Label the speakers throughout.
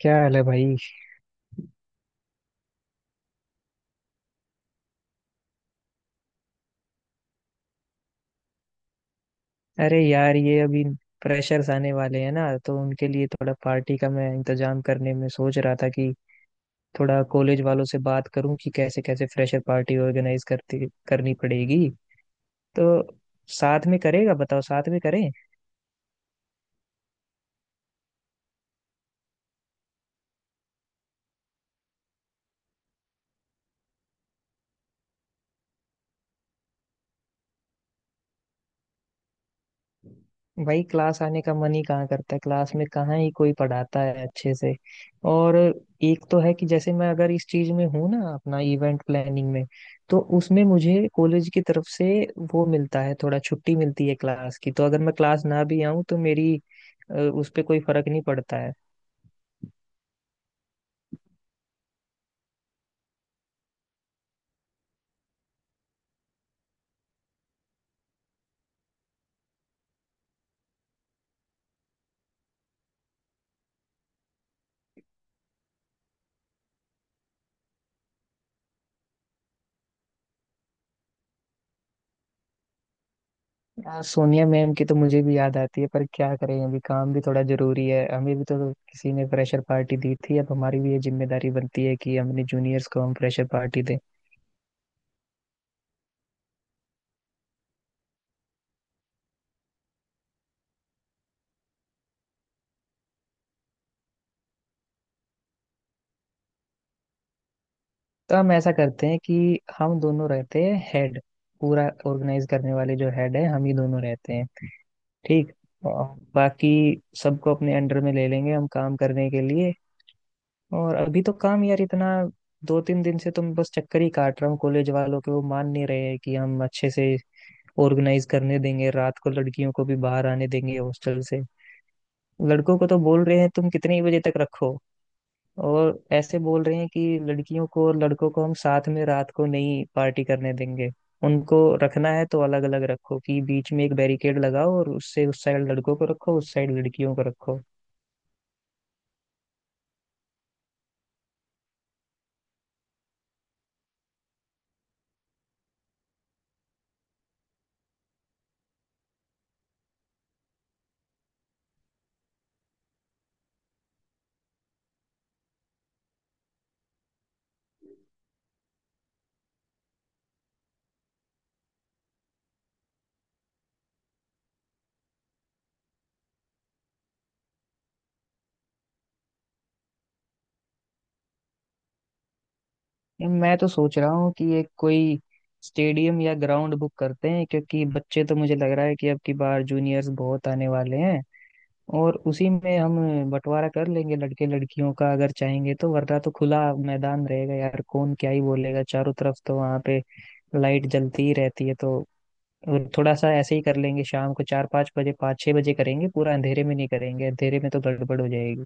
Speaker 1: क्या हाल है भाई। अरे यार, ये अभी प्रेशर्स आने वाले हैं ना, तो उनके लिए थोड़ा पार्टी का मैं इंतजाम करने में सोच रहा था कि थोड़ा कॉलेज वालों से बात करूं कि कैसे कैसे फ्रेशर पार्टी ऑर्गेनाइज करती करनी पड़ेगी। तो साथ में करेगा बताओ, साथ में करें। भाई क्लास आने का मन ही कहाँ करता है, क्लास में कहाँ ही कोई पढ़ाता है अच्छे से। और एक तो है कि जैसे मैं अगर इस चीज में हूँ ना, अपना इवेंट प्लानिंग में, तो उसमें मुझे कॉलेज की तरफ से वो मिलता है, थोड़ा छुट्टी मिलती है क्लास की, तो अगर मैं क्लास ना भी आऊँ तो मेरी उस पे कोई फर्क नहीं पड़ता है। यार सोनिया मैम की तो मुझे भी याद आती है, पर क्या करें, अभी काम भी थोड़ा जरूरी है। हमें भी तो किसी ने फ्रेशर पार्टी दी थी, अब हमारी भी ये जिम्मेदारी बनती है कि हम अपने जूनियर्स को हम फ्रेशर पार्टी दें। तो हम ऐसा करते हैं कि हम दोनों रहते हैं हेड, पूरा ऑर्गेनाइज करने वाले जो हेड है हम ही दोनों रहते हैं, ठीक। और बाकी सबको अपने अंडर में ले लेंगे हम काम करने के लिए। और अभी तो काम यार इतना, दो तीन दिन से तुम बस चक्कर ही काट रहा हूँ कॉलेज वालों के, वो मान नहीं रहे हैं कि हम अच्छे से ऑर्गेनाइज करने देंगे, रात को लड़कियों को भी बाहर आने देंगे हॉस्टल से। लड़कों को तो बोल रहे हैं तुम कितने ही बजे तक रखो, और ऐसे बोल रहे हैं कि लड़कियों को और लड़कों को हम साथ में रात को नहीं पार्टी करने देंगे। उनको रखना है तो अलग अलग रखो, कि बीच में एक बैरिकेड लगाओ और उससे उस साइड लड़कों को रखो, उस साइड लड़कियों को रखो। मैं तो सोच रहा हूँ कि एक कोई स्टेडियम या ग्राउंड बुक करते हैं, क्योंकि बच्चे तो मुझे लग रहा है कि अब की बार जूनियर्स बहुत आने वाले हैं। और उसी में हम बंटवारा कर लेंगे लड़के लड़कियों का अगर चाहेंगे तो, वरना तो खुला मैदान रहेगा यार, कौन क्या ही बोलेगा। चारों तरफ तो वहाँ पे लाइट जलती ही रहती है, तो थोड़ा सा ऐसे ही कर लेंगे। शाम को चार पाँच बजे, पाँच छः बजे करेंगे, पूरा अंधेरे में नहीं करेंगे, अंधेरे में तो गड़बड़ हो जाएगी।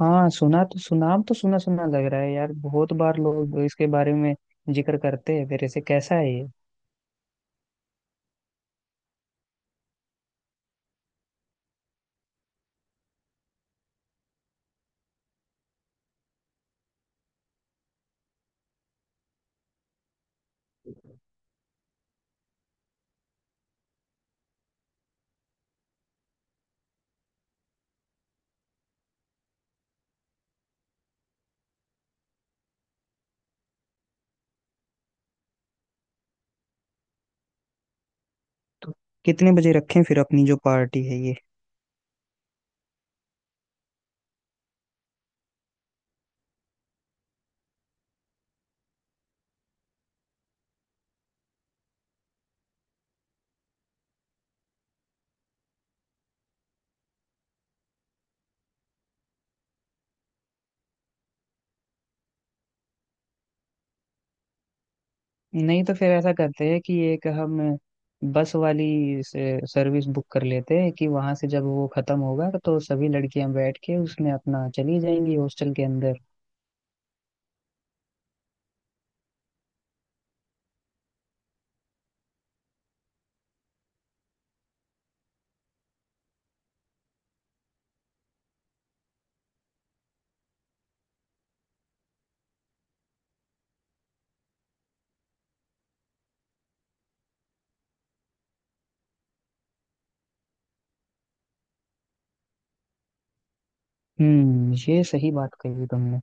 Speaker 1: हाँ, सुना सुना लग रहा है यार, बहुत बार लोग इसके बारे में जिक्र करते हैं। फिर ऐसे कैसा है ये? तो कितने बजे रखें फिर अपनी जो पार्टी है ये? नहीं, तो फिर ऐसा करते हैं कि एक हम बस वाली सर्विस बुक कर लेते हैं, कि वहां से जब वो खत्म होगा तो सभी लड़कियां बैठ के उसमें अपना चली जाएंगी हॉस्टल के अंदर। ये सही बात कही तुमने।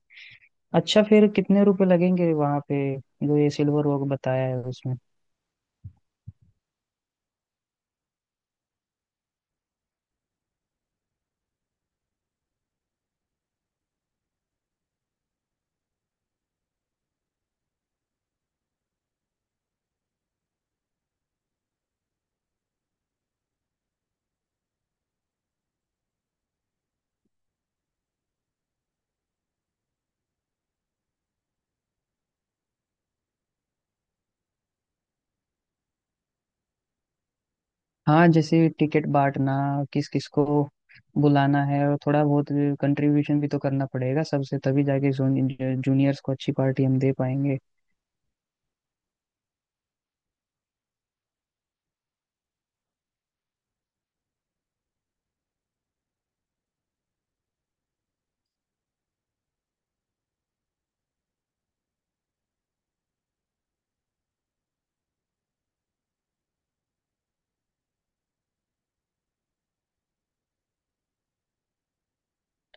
Speaker 1: अच्छा, फिर कितने रुपए लगेंगे वहां पे, जो ये सिल्वर रॉक बताया है उसमें? हाँ, जैसे टिकट बांटना, किस किस को बुलाना है, और थोड़ा बहुत कंट्रीब्यूशन भी तो करना पड़ेगा सबसे, तभी जाके जूनियर्स को अच्छी पार्टी हम दे पाएंगे।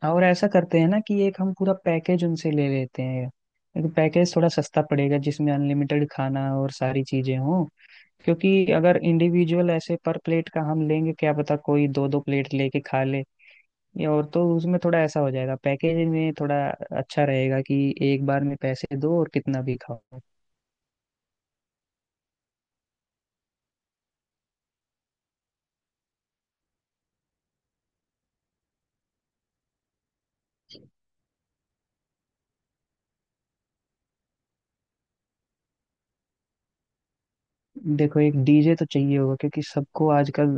Speaker 1: हाँ, और ऐसा करते हैं ना कि एक हम पूरा पैकेज उनसे ले लेते हैं। एक पैकेज थोड़ा सस्ता पड़ेगा जिसमें अनलिमिटेड खाना और सारी चीजें हों। क्योंकि अगर इंडिविजुअल ऐसे पर प्लेट का हम लेंगे, क्या पता कोई दो दो प्लेट लेके खा ले या और, तो उसमें थोड़ा ऐसा हो जाएगा। पैकेज में थोड़ा अच्छा रहेगा कि एक बार में पैसे दो और कितना भी खाओ। देखो एक डीजे तो चाहिए होगा, क्योंकि सबको आजकल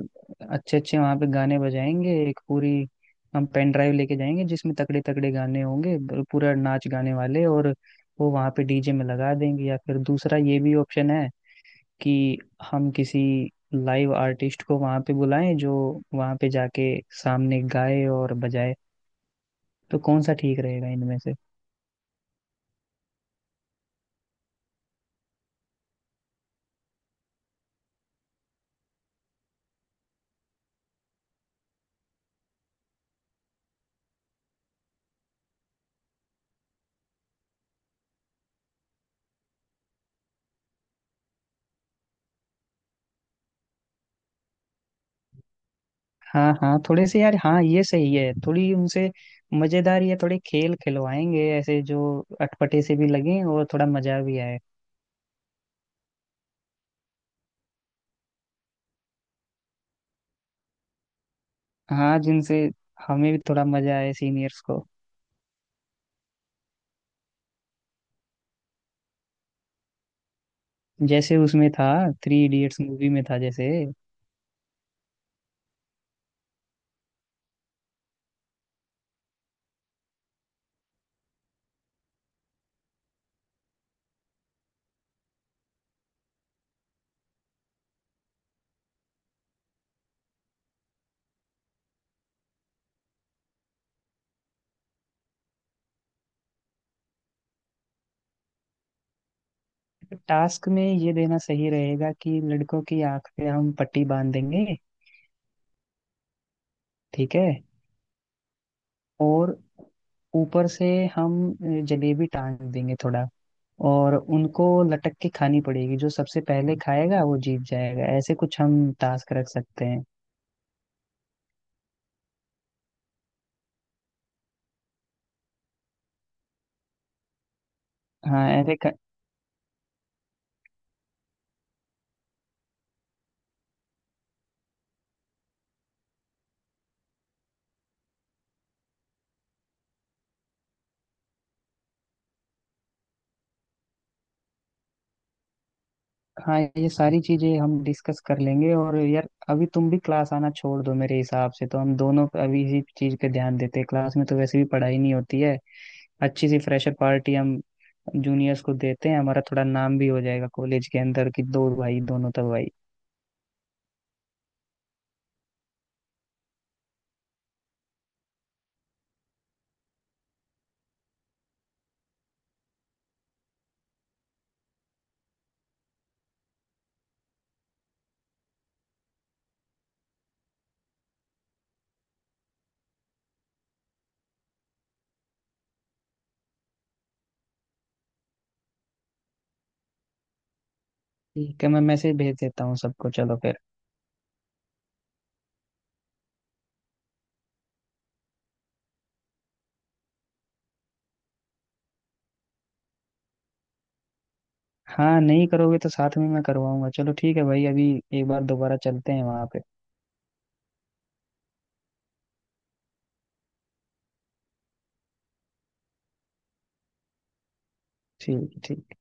Speaker 1: अच्छे अच्छे वहां पे गाने बजाएंगे। एक पूरी हम पेन ड्राइव लेके जाएंगे जिसमें तगड़े तगड़े गाने होंगे, पूरा नाच गाने वाले, और वो वहां पे डीजे में लगा देंगे। या फिर दूसरा ये भी ऑप्शन है कि हम किसी लाइव आर्टिस्ट को वहां पे बुलाएं, जो वहां पे जाके सामने गाए और बजाए। तो कौन सा ठीक रहेगा इनमें से? हाँ हाँ, थोड़े से यार, हाँ ये सही है। थोड़ी उनसे मजेदार या थोड़े खेल खिलवाएंगे ऐसे, जो अटपटे से भी लगे और थोड़ा मजा भी आए। हाँ, जिनसे हमें भी थोड़ा मजा आए सीनियर्स को। जैसे उसमें था, थ्री इडियट्स मूवी में था जैसे। टास्क में ये देना सही रहेगा कि लड़कों की आंख पे हम पट्टी बांध देंगे, ठीक है? और ऊपर से हम जलेबी टांग देंगे थोड़ा, और उनको लटक के खानी पड़ेगी, जो सबसे पहले खाएगा वो जीत जाएगा, ऐसे कुछ हम टास्क रख सकते हैं। हाँ ऐसे क... हाँ ये सारी चीजें हम डिस्कस कर लेंगे। और यार अभी तुम भी क्लास आना छोड़ दो, मेरे हिसाब से तो हम दोनों अभी इसी चीज पे ध्यान देते हैं, क्लास में तो वैसे भी पढ़ाई नहीं होती है। अच्छी सी फ्रेशर पार्टी हम जूनियर्स को देते हैं, हमारा थोड़ा नाम भी हो जाएगा कॉलेज के अंदर कि दो भाई दोनों तो भाई। ठीक है, मैं मैसेज भेज देता हूँ सबको, चलो फिर। हाँ नहीं करोगे तो साथ में मैं करवाऊंगा। चलो ठीक है भाई, अभी एक बार दोबारा चलते हैं वहां पे। ठीक, ठीक।